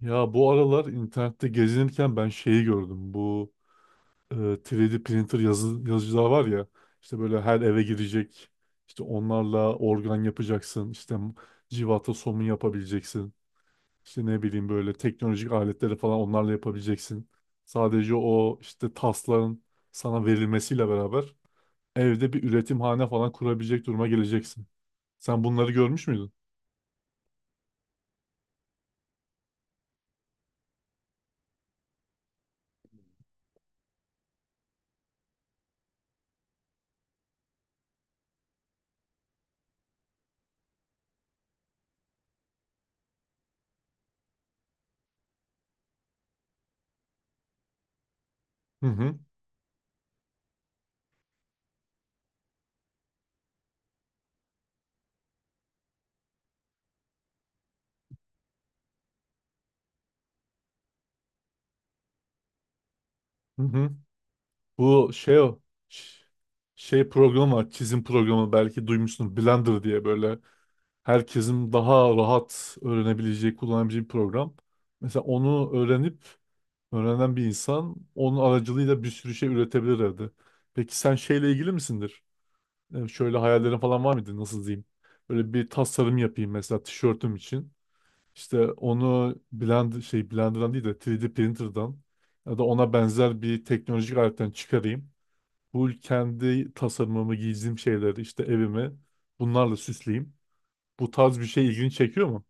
Ya bu aralar internette gezinirken ben şeyi gördüm. Bu 3D printer yazıcılar var ya. İşte böyle her eve girecek. İşte onlarla organ yapacaksın. İşte civata somun yapabileceksin. İşte ne bileyim böyle teknolojik aletleri falan onlarla yapabileceksin. Sadece o işte tasların sana verilmesiyle beraber evde bir üretimhane falan kurabilecek duruma geleceksin. Sen bunları görmüş müydün? Hı hı. Hı hı. Bu şey o ş- şey programı var, çizim programı, belki duymuşsun, Blender diye, böyle herkesin daha rahat öğrenebileceği, kullanabileceği bir program. Mesela onu öğrenen bir insan onun aracılığıyla bir sürü şey üretebilir evde. Peki sen şeyle ilgili misindir? Yani şöyle hayallerin falan var mıydı, nasıl diyeyim? Böyle bir tasarım yapayım mesela tişörtüm için. İşte onu Blender'dan değil de 3D printer'dan ya da ona benzer bir teknolojik aletten çıkarayım. Bu kendi tasarımımı, giydiğim şeyleri, işte evimi bunlarla süsleyeyim. Bu tarz bir şey ilgini çekiyor mu?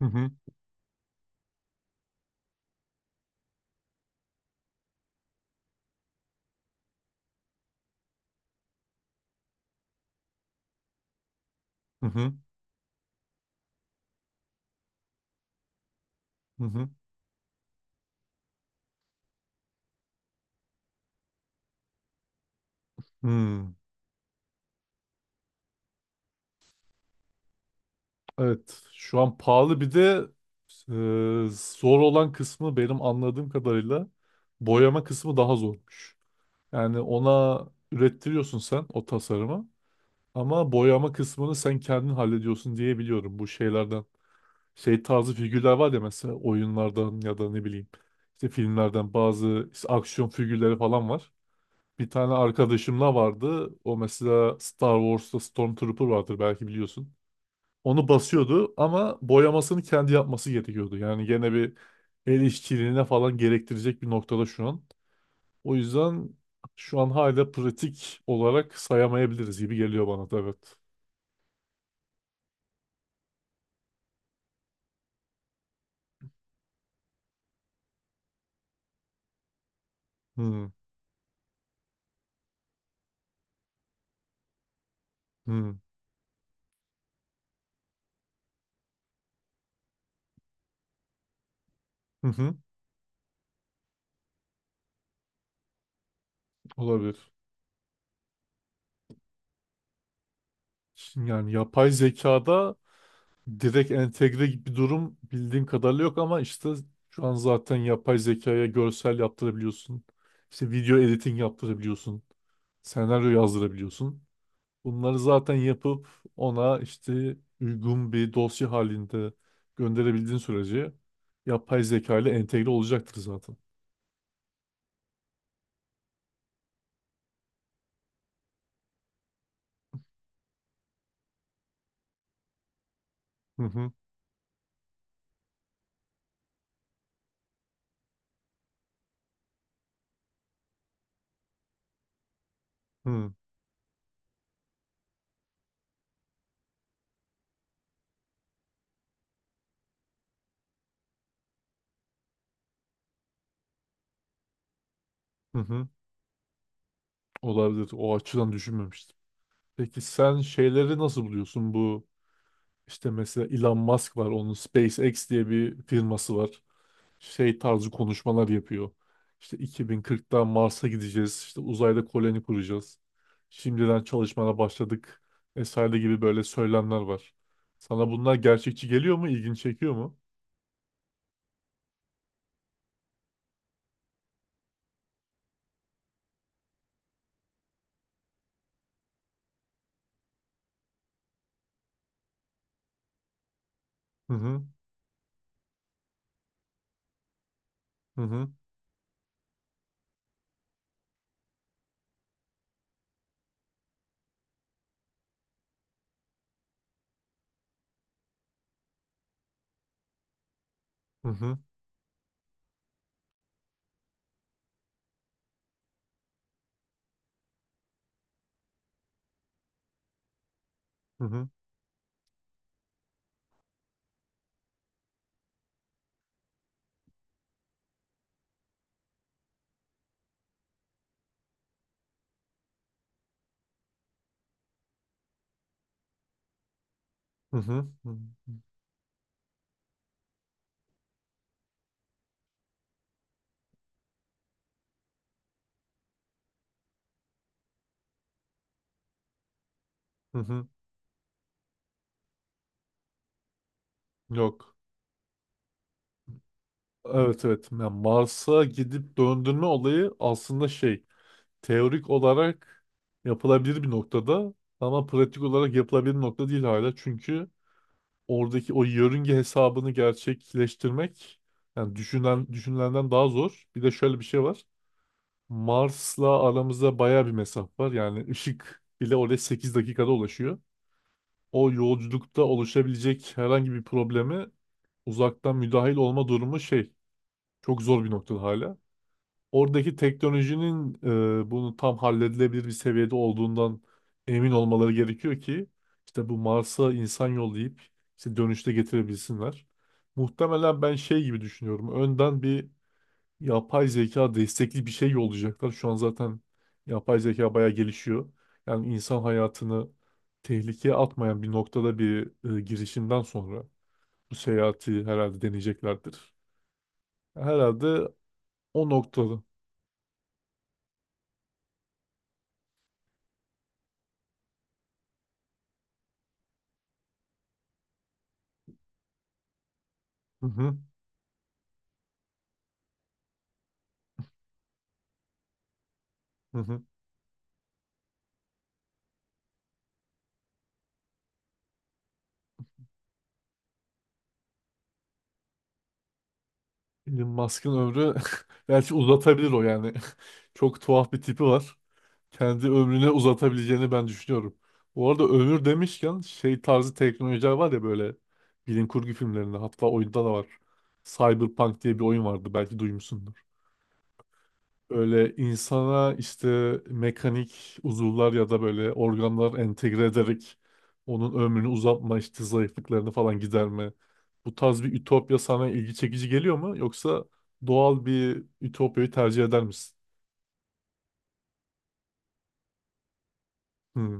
Hı hı, hı hı, hı hı. Hmm. Evet, şu an pahalı. Bir de zor olan kısmı, benim anladığım kadarıyla boyama kısmı daha zormuş. Yani ona ürettiriyorsun sen o tasarımı ama boyama kısmını sen kendin hallediyorsun diye biliyorum. Bu şeylerden şey tarzı figürler var ya, mesela oyunlardan ya da ne bileyim işte filmlerden, bazı işte aksiyon figürleri falan var. Bir tane arkadaşımla vardı. O mesela Star Wars'ta Stormtrooper vardır, belki biliyorsun. Onu basıyordu ama boyamasını kendi yapması gerekiyordu. Yani gene bir el işçiliğine falan gerektirecek bir noktada şu an. O yüzden şu an hala pratik olarak sayamayabiliriz gibi geliyor bana da, evet. Hmm, hmm, hı hı, olabilir. Şimdi yani yapay zekada direkt entegre gibi bir durum bildiğim kadarıyla yok ama işte şu an zaten yapay zekaya görsel yaptırabiliyorsun. İşte video editing yaptırabiliyorsun. Senaryo yazdırabiliyorsun. Bunları zaten yapıp ona işte uygun bir dosya halinde gönderebildiğin sürece yapay zeka ile entegre olacaktır zaten. Hı hı hı hı. Hı. Olabilir. O açıdan düşünmemiştim. Peki sen şeyleri nasıl buluyorsun? Bu işte mesela Elon Musk var. Onun SpaceX diye bir firması var. Şey tarzı konuşmalar yapıyor. İşte 2040'da Mars'a gideceğiz. İşte uzayda koloni kuracağız. Şimdiden çalışmana başladık. Vesaire gibi böyle söylemler var. Sana bunlar gerçekçi geliyor mu? İlgini çekiyor mu? Hı hı hı hı hı hı hı hı hı hı hı hı. Yok. Evet, evet. Yani Mars'a gidip döndürme olayı aslında şey, teorik olarak yapılabilir bir noktada ama pratik olarak yapılabilir bir nokta değil hala. Çünkü oradaki o yörünge hesabını gerçekleştirmek, yani düşünen düşünülenden daha zor. Bir de şöyle bir şey var. Mars'la aramızda baya bir mesafe var. Yani ışık bile oraya 8 dakikada ulaşıyor. O yolculukta oluşabilecek herhangi bir problemi uzaktan müdahil olma durumu şey, çok zor bir noktada hala oradaki teknolojinin bunu tam halledilebilir bir seviyede olduğundan emin olmaları gerekiyor ki işte bu Mars'a insan yollayıp işte dönüşte getirebilsinler. Muhtemelen ben şey gibi düşünüyorum. Önden bir yapay zeka destekli bir şey yollayacaklar. Şu an zaten yapay zeka bayağı gelişiyor. Yani insan hayatını tehlikeye atmayan bir noktada bir girişimden sonra bu seyahati herhalde deneyeceklerdir. Herhalde o noktada. Hı hı, hı hı. Elon Musk'ın ömrü belki uzatabilir o, yani. Çok tuhaf bir tipi var. Kendi ömrüne uzatabileceğini ben düşünüyorum. Bu arada ömür demişken, şey tarzı teknolojiler var ya, böyle bilim kurgu filmlerinde, hatta oyunda da var. Cyberpunk diye bir oyun vardı, belki duymuşsundur. Böyle insana işte mekanik uzuvlar ya da böyle organlar entegre ederek onun ömrünü uzatma, işte zayıflıklarını falan giderme. Bu tarz bir ütopya sana ilgi çekici geliyor mu? Yoksa doğal bir ütopyayı tercih eder misin? Hmm.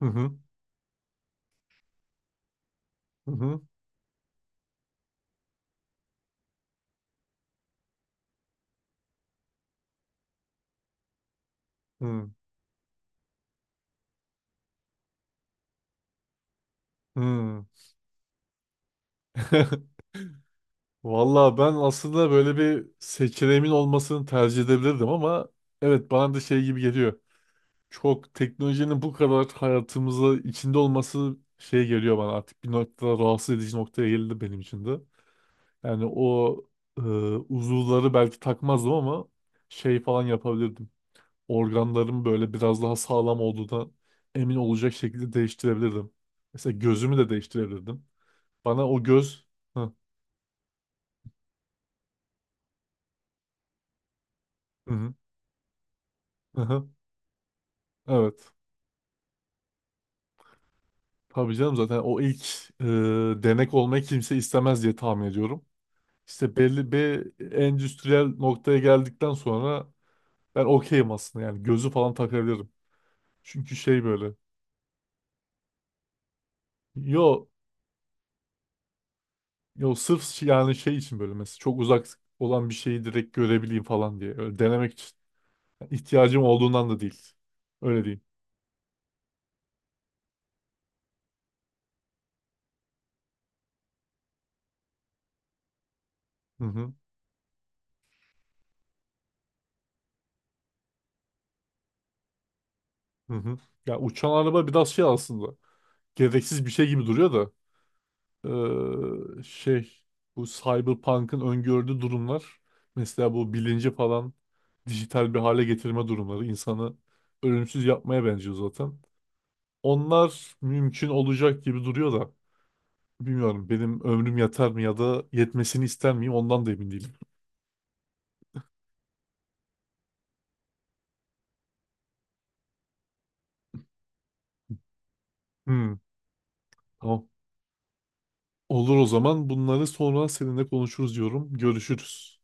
Hı hı. Hı hı. Hı. Hı. Valla ben aslında böyle bir seçeneğimin olmasını tercih edebilirdim ama evet, bana da şey gibi geliyor. Çok teknolojinin bu kadar hayatımıza içinde olması şey geliyor bana, artık bir noktada rahatsız edici noktaya geldi benim için de. Yani o e, uzuvları belki takmazdım ama şey falan yapabilirdim. Organlarım böyle biraz daha sağlam olduğuna emin olacak şekilde değiştirebilirdim. Mesela gözümü de değiştirebilirdim. Bana o göz... Hı, hı, hı, hı, hı. Evet. Tabii canım, zaten o ilk e, denek olmayı kimse istemez diye tahmin ediyorum. İşte belli bir endüstriyel noktaya geldikten sonra ben okeyim aslında, yani gözü falan takabilirim. Çünkü şey böyle, yo yo, sırf yani şey için, böyle mesela çok uzak olan bir şeyi direkt görebileyim falan diye, öyle denemek için. Yani ihtiyacım olduğundan da değil. Öyle diyeyim. Hı hı. Hı hı. Ya uçan araba biraz şey aslında, gereksiz bir şey gibi duruyor da, şey bu Cyberpunk'ın öngördüğü durumlar, mesela bu bilinci falan dijital bir hale getirme durumları, insanı ölümsüz yapmaya benziyor zaten. Onlar mümkün olacak gibi duruyor da bilmiyorum, benim ömrüm yeter mi ya da yetmesini ister miyim, ondan da emin değilim. Hmm, tamam. Olur, o zaman bunları sonra seninle konuşuruz diyorum. Görüşürüz.